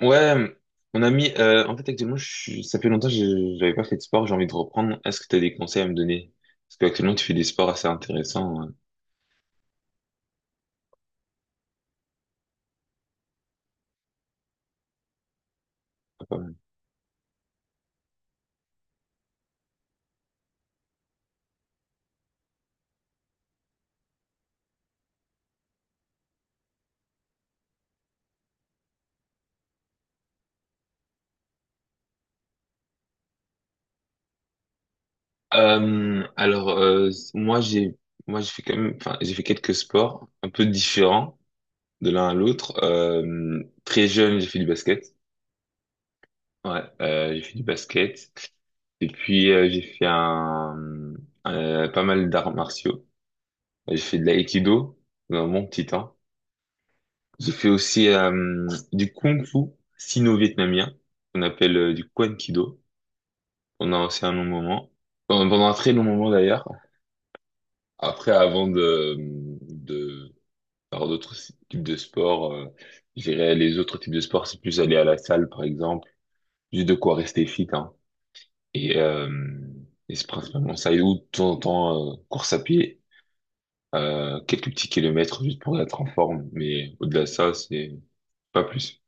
Ouais, on a mis. En fait, actuellement, ça fait longtemps que j'avais pas fait de sport, j'ai envie de reprendre. Est-ce que tu as des conseils à me donner? Parce qu'actuellement, tu fais des sports assez intéressants. Pas mal. Euh, alors, euh, moi, j'ai moi, j'ai fait quand même. Enfin, j'ai fait quelques sports un peu différents de l'un à l'autre. Très jeune, j'ai fait du basket. Ouais, j'ai fait du basket. Et puis, j'ai fait pas mal d'arts martiaux. J'ai fait de l'aïkido dans mon petit temps. J'ai fait aussi du kung fu sino-vietnamien, qu'on appelle du Kwan Kido, pendant aussi un long moment, pendant un très long moment d'ailleurs. Après, avant de faire d'autres types de sports, je dirais les autres types de sports, c'est plus aller à la salle par exemple, juste de quoi rester fit, hein. Et, euh, et c'est principalement ça, et ou de temps en temps, course à pied, quelques petits kilomètres juste pour être en forme, mais au-delà de ça, c'est pas plus.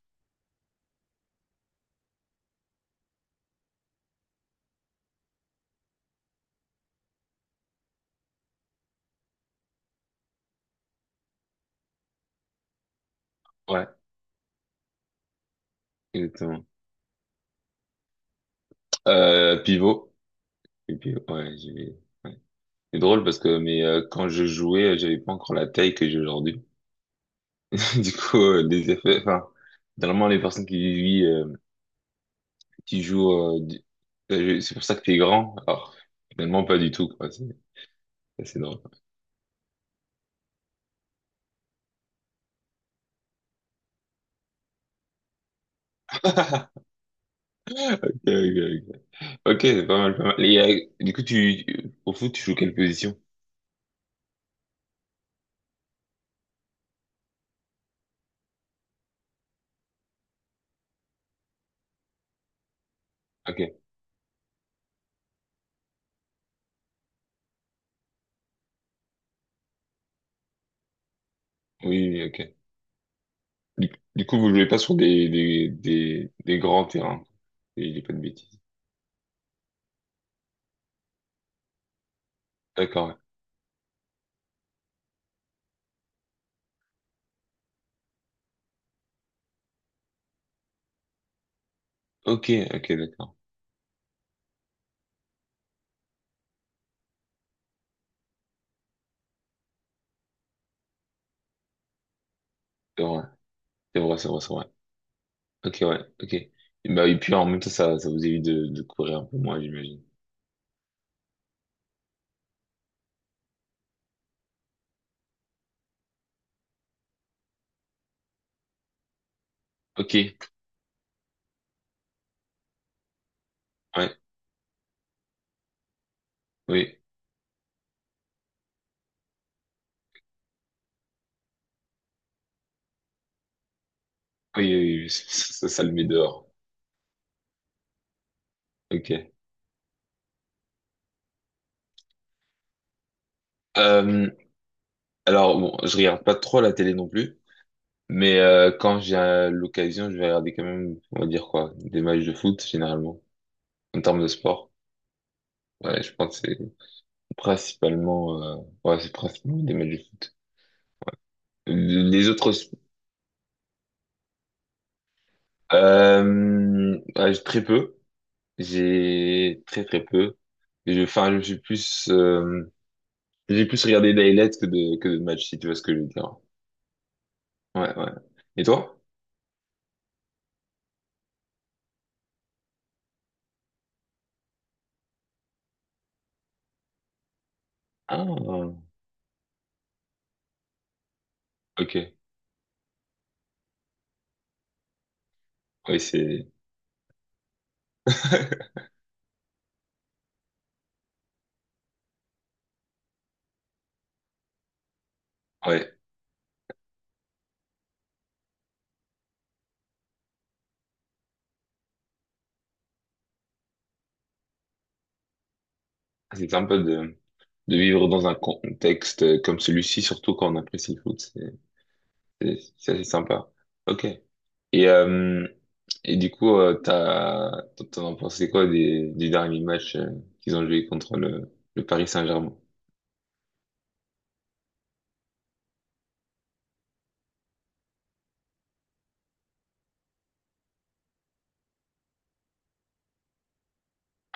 Ouais, exactement. Pivot. Et puis, ouais, j'ai... ouais. C'est drôle parce que mais quand je jouais, j'avais pas encore la taille que j'ai aujourd'hui. Du coup, les effets, enfin, normalement les personnes qui vivent, qui jouent, euh, du- c'est pour ça que t'es grand. Alors, finalement pas du tout, quoi. C'est drôle. Ok, ok, ok. Ok, c'est pas mal, pas mal. Et, du coup, tu au foot, tu joues quelle position? Ok. Oui, oui, oui, ok. Du, du coup, vous jouez pas sur des grands terrains. Je dis pas de bêtises. D'accord. Ouais. Ok, ok, d'accord. C'est vrai, c'est vrai, c'est vrai, c'est vrai. Ok, ouais, ok. Et, bah, et puis en même temps, ça vous évite de courir un peu moins, j'imagine. Ok, ouais, oui, oui, oui, oui. Ça le met dehors. Ok. Euh, bon, je regarde pas trop la télé non plus, mais quand j'ai l'occasion, je vais regarder quand même, on va dire quoi, des matchs de foot, généralement, en termes de sport. Ouais, je pense que c'est principalement, ouais, c'est principalement des matchs de foot. Euh, Les autres, sp- ouais, très peu. J'ai très très peu. Enfin, je suis plus, j'ai plus regardé d'highlights que de matchs, si tu vois ce que je veux dire. Ouais, ouais. Et toi? Ah, ok. Oui, c'est, ouais, c'est sympa de vivre dans un contexte comme celui-ci, surtout quand on apprécie le foot. C'est assez sympa. Ok. Et euh, et du coup, t'as t'en as pensé quoi des du dernier match qu'ils ont joué contre le Paris Saint-Germain?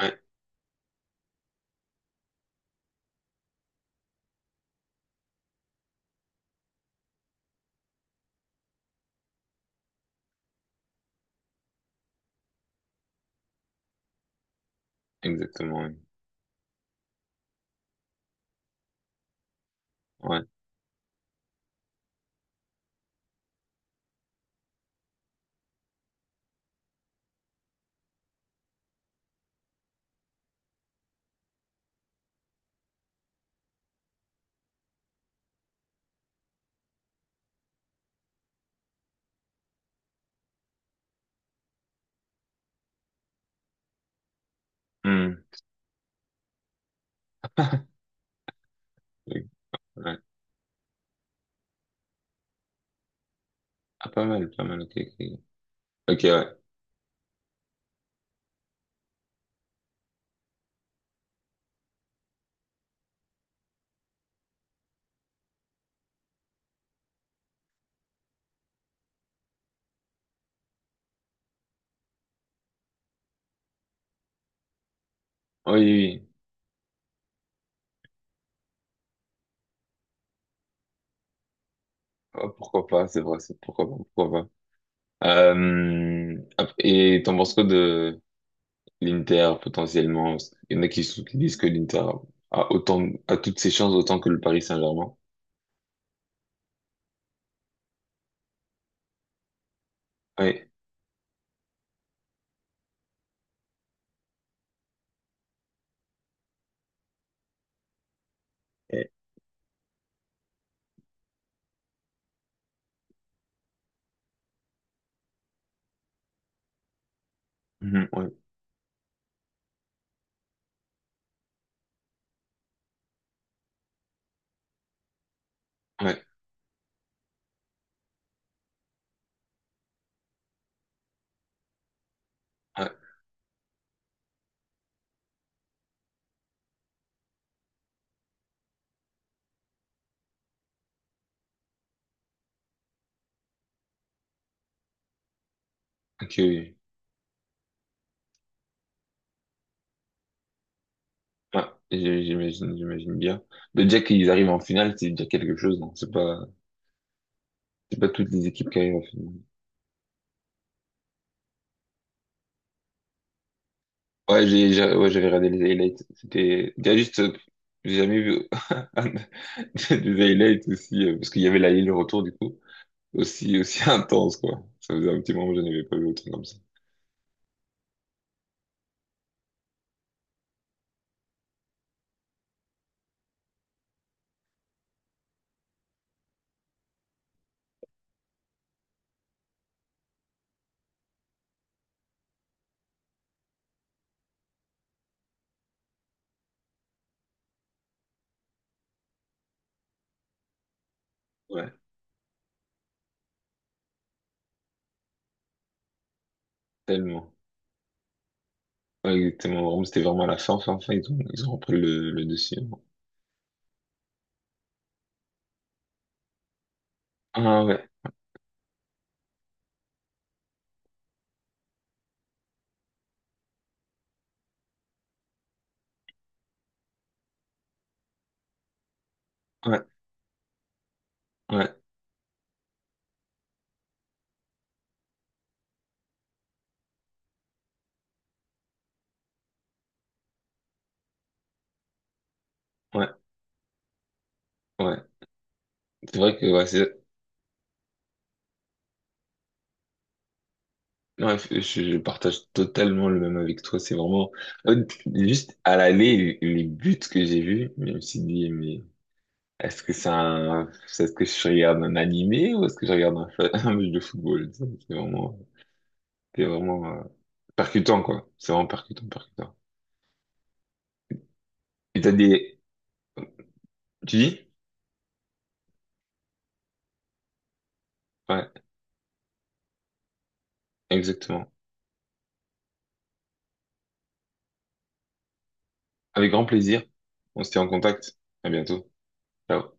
Ouais, exactement. Ouais. Ouais. Hmm. Ouais. Ah, pas mal, pas mal, ok, ok. Ok, ouais. Oui, oui. Oui. Oh, pourquoi pas, c'est vrai, c'est pourquoi pas, pourquoi pas. Et t'en penses quoi de l'Inter, potentiellement? Il y en a qui, sou- qui disent que l'Inter a autant, a toutes ses chances autant que le Paris Saint-Germain. Ouais. Ouais. Mhm, ouais, ouais, ouais. Ok, oui. Ouais, j'imagine, j'imagine bien. Mais déjà qu'ils arrivent en finale, c'est déjà quelque chose, non? C'est pas toutes les équipes qui arrivent en finale. Ouais, ouais, j'avais regardé les highlights. C'était, il y a juste, j'ai jamais vu un- des highlights aussi, parce qu'il y avait la le retour du coup, aussi intense, quoi. Ça faisait un petit moment que je n'avais pas vu autant comme ça. Ouais, tellement. Ouais, exactement. Vraiment, c'était vraiment à la fin, fin, fin, ils ont repris le dessus. Ah ouais, ouais, ouais, ouais, ouais. C'est vrai que, ouais, c'est, ouais, je partage totalement le même avec toi. C'est vraiment, euh, juste à l'aller, les buts que j'ai vus, même mais Est-ce que c'est un... Est-ce que je regarde un animé ou est-ce que je regarde un match de football? Ça, c'est vraiment, c'est vraiment percutant, quoi. C'est vraiment percutant, percutant. Et t'as des... Tu dis? Ouais, exactement. Avec grand plaisir. On se tient en contact. À bientôt. Ciao.